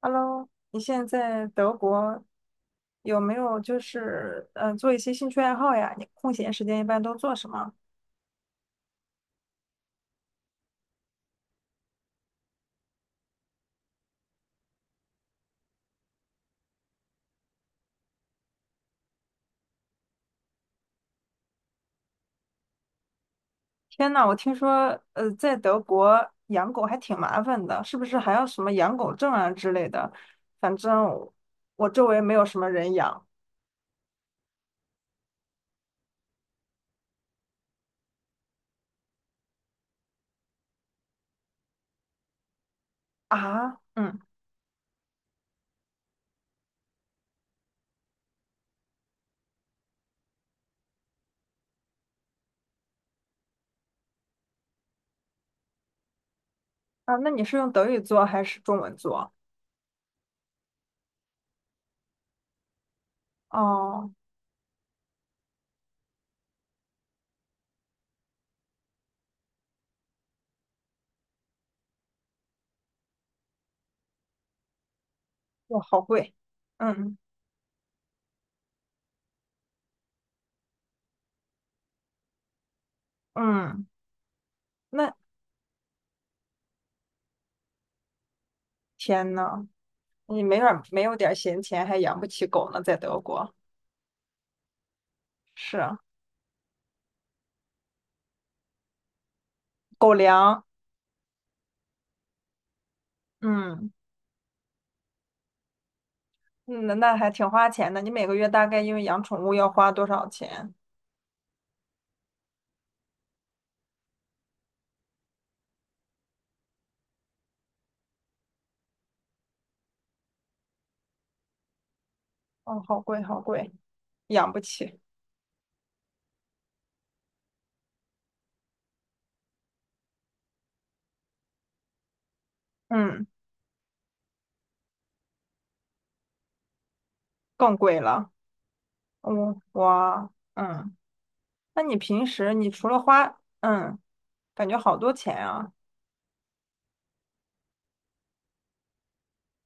Hello，你现在在德国有没有就是做一些兴趣爱好呀？你空闲时间一般都做什么？天呐，我听说在德国养狗还挺麻烦的，是不是还要什么养狗证啊之类的？反正我周围没有什么人养啊。嗯啊，那你是用德语做还是中文做？哦，哇，好贵。嗯嗯，那天呐，你没有点儿闲钱还养不起狗呢，在德国。是啊。狗粮，嗯，嗯那还挺花钱的。你每个月大概因为养宠物要花多少钱？哦，好贵，好贵，养不起。嗯，更贵了。嗯，哇，嗯，那你平时你除了花，嗯，感觉好多钱啊，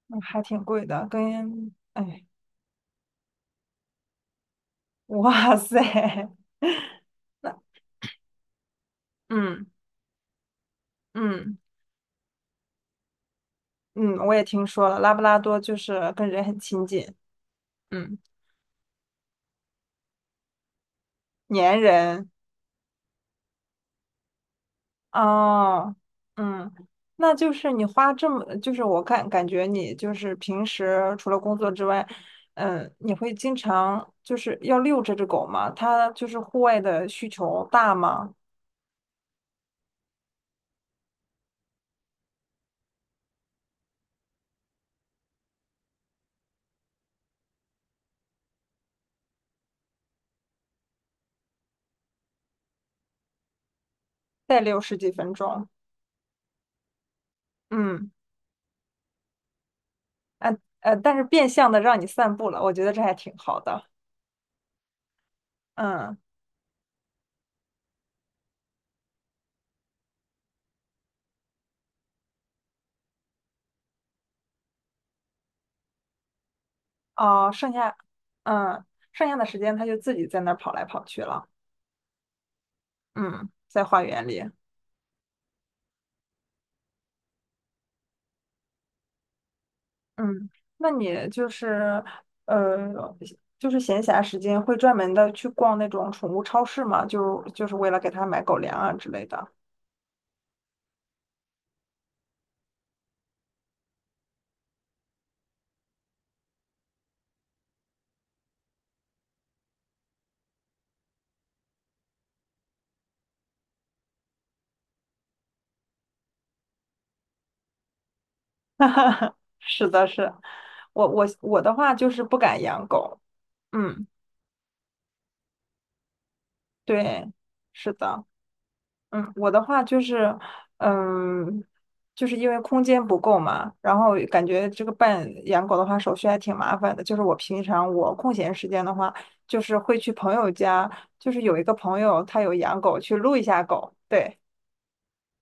嗯还挺贵的。跟，哎，哇塞，那，嗯嗯嗯，我也听说了，拉布拉多就是跟人很亲近，嗯，粘人。哦，嗯，那就是你花这么，就是我看感觉你就是平时除了工作之外，嗯，你会经常就是要遛这只狗吗？它就是户外的需求大吗？再遛十几分钟，嗯，呃但是变相的让你散步了，我觉得这还挺好的，嗯，哦，剩下，嗯，剩下的时间它就自己在那儿跑来跑去了，嗯，在花园里。嗯，那你就是呃，就是闲暇时间会专门的去逛那种宠物超市吗？就是为了给它买狗粮啊之类的。是的，是，我的话就是不敢养狗。嗯，对，是的。嗯，我的话就是，嗯，就是因为空间不够嘛，然后感觉这个办养狗的话手续还挺麻烦的。就是我平常我空闲时间的话，就是会去朋友家，就是有一个朋友他有养狗，去撸一下狗。对，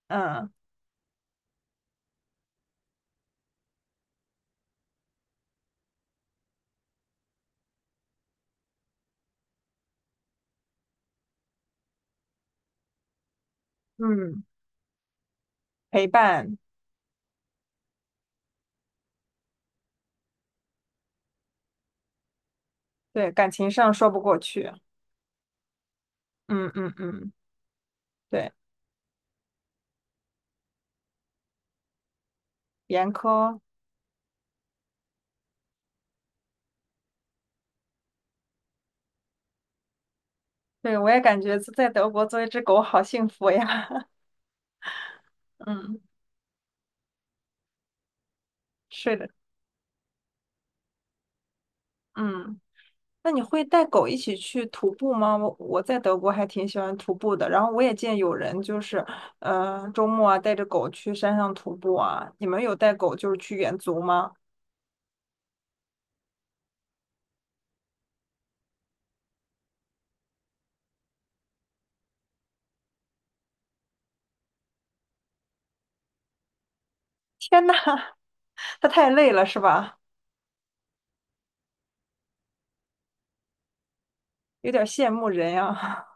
嗯嗯，陪伴，对，感情上说不过去。嗯嗯嗯，对，严苛，对，我也感觉在德国做一只狗好幸福呀。嗯，是的，嗯。那你会带狗一起去徒步吗？我在德国还挺喜欢徒步的，然后我也见有人就是，嗯，周末啊带着狗去山上徒步啊。你们有带狗就是去远足吗？天呐，它太累了是吧？有点羡慕人呀。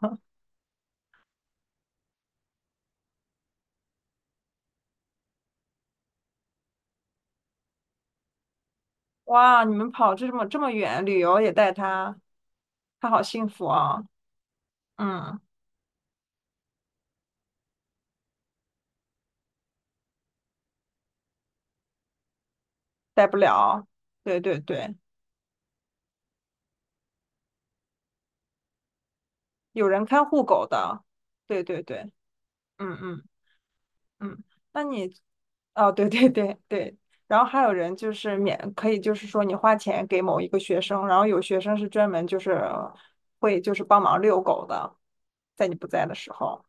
哇，你们跑这么这么远，旅游也带它，它好幸福啊。嗯，带不了。对对对，有人看护狗的。对对对，嗯嗯嗯。那你哦，对对对对，然后还有人就是免，可以就是说你花钱给某一个学生，然后有学生是专门就是会就是帮忙遛狗的，在你不在的时候，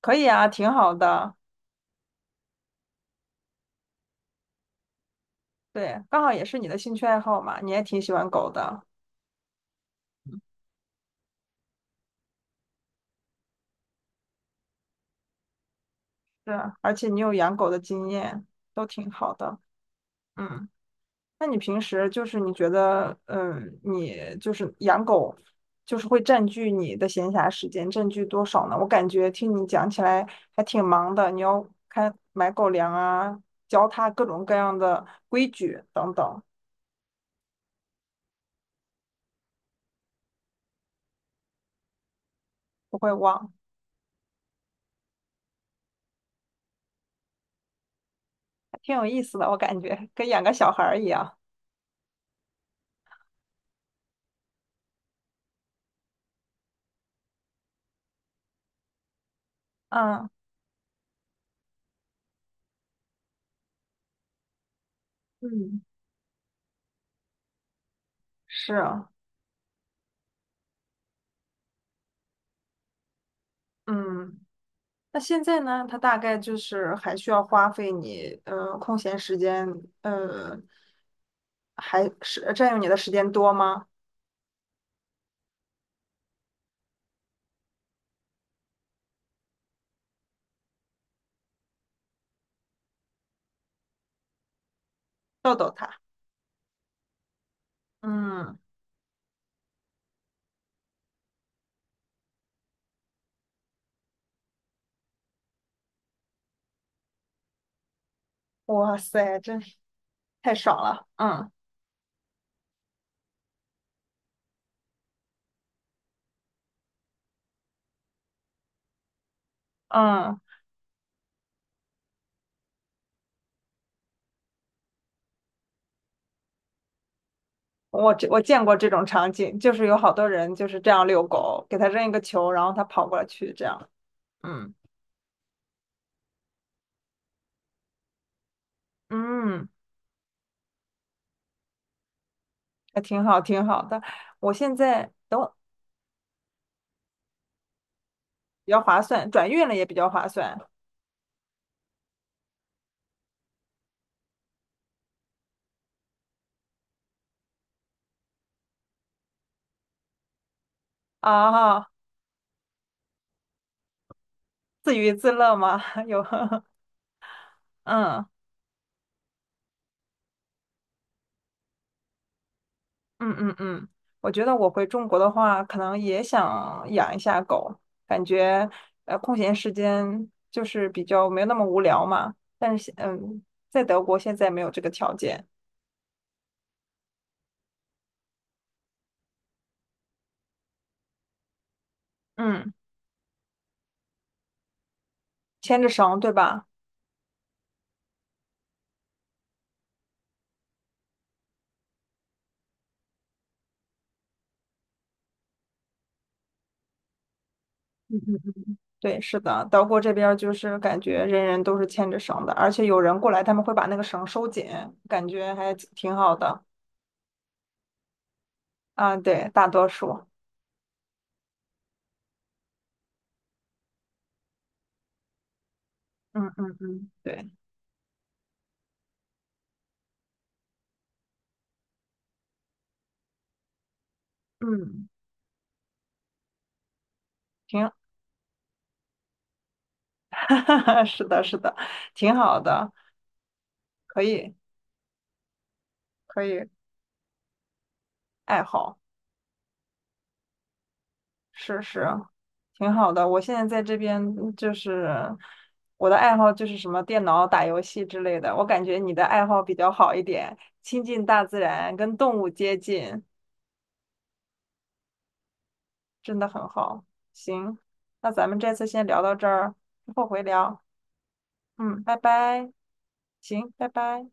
可以啊，挺好的。对，刚好也是你的兴趣爱好嘛，你也挺喜欢狗的，是啊，而且你有养狗的经验，都挺好的。嗯。那你平时就是你觉得，嗯，你就是养狗，就是会占据你的闲暇时间，占据多少呢？我感觉听你讲起来还挺忙的，你要看买狗粮啊，教它各种各样的规矩等等，不会忘，还挺有意思的，我感觉跟养个小孩儿一样。嗯嗯，是啊，嗯。那现在呢，它大概就是还需要花费你，空闲时间，呃，还是占用你的时间多吗？逗逗它，嗯，哇塞，真是太爽了，嗯嗯，我见过这种场景，就是有好多人就是这样遛狗，给它扔一个球，然后它跑过来去，这样，嗯嗯，还挺好，挺好的。我现在等我比较划算，转运了也比较划算啊，自娱自乐嘛，有，嗯。嗯嗯嗯，我觉得我回中国的话，可能也想养一下狗，感觉空闲时间就是比较没有那么无聊嘛。但是嗯，在德国现在没有这个条件，嗯，牵着绳对吧？嗯嗯，对，是的，德国这边儿就是感觉人人都是牵着绳的，而且有人过来，他们会把那个绳收紧，感觉还挺好的啊。对，大多数，嗯嗯嗯，对，嗯，挺，是的，是的，挺好的。可以，可以，爱好，是是，挺好的。我现在在这边就是我的爱好就是什么电脑打游戏之类的。我感觉你的爱好比较好一点，亲近大自然，跟动物接近，真的很好。行，那咱们这次先聊到这儿，后回聊。嗯，拜拜。行，拜拜。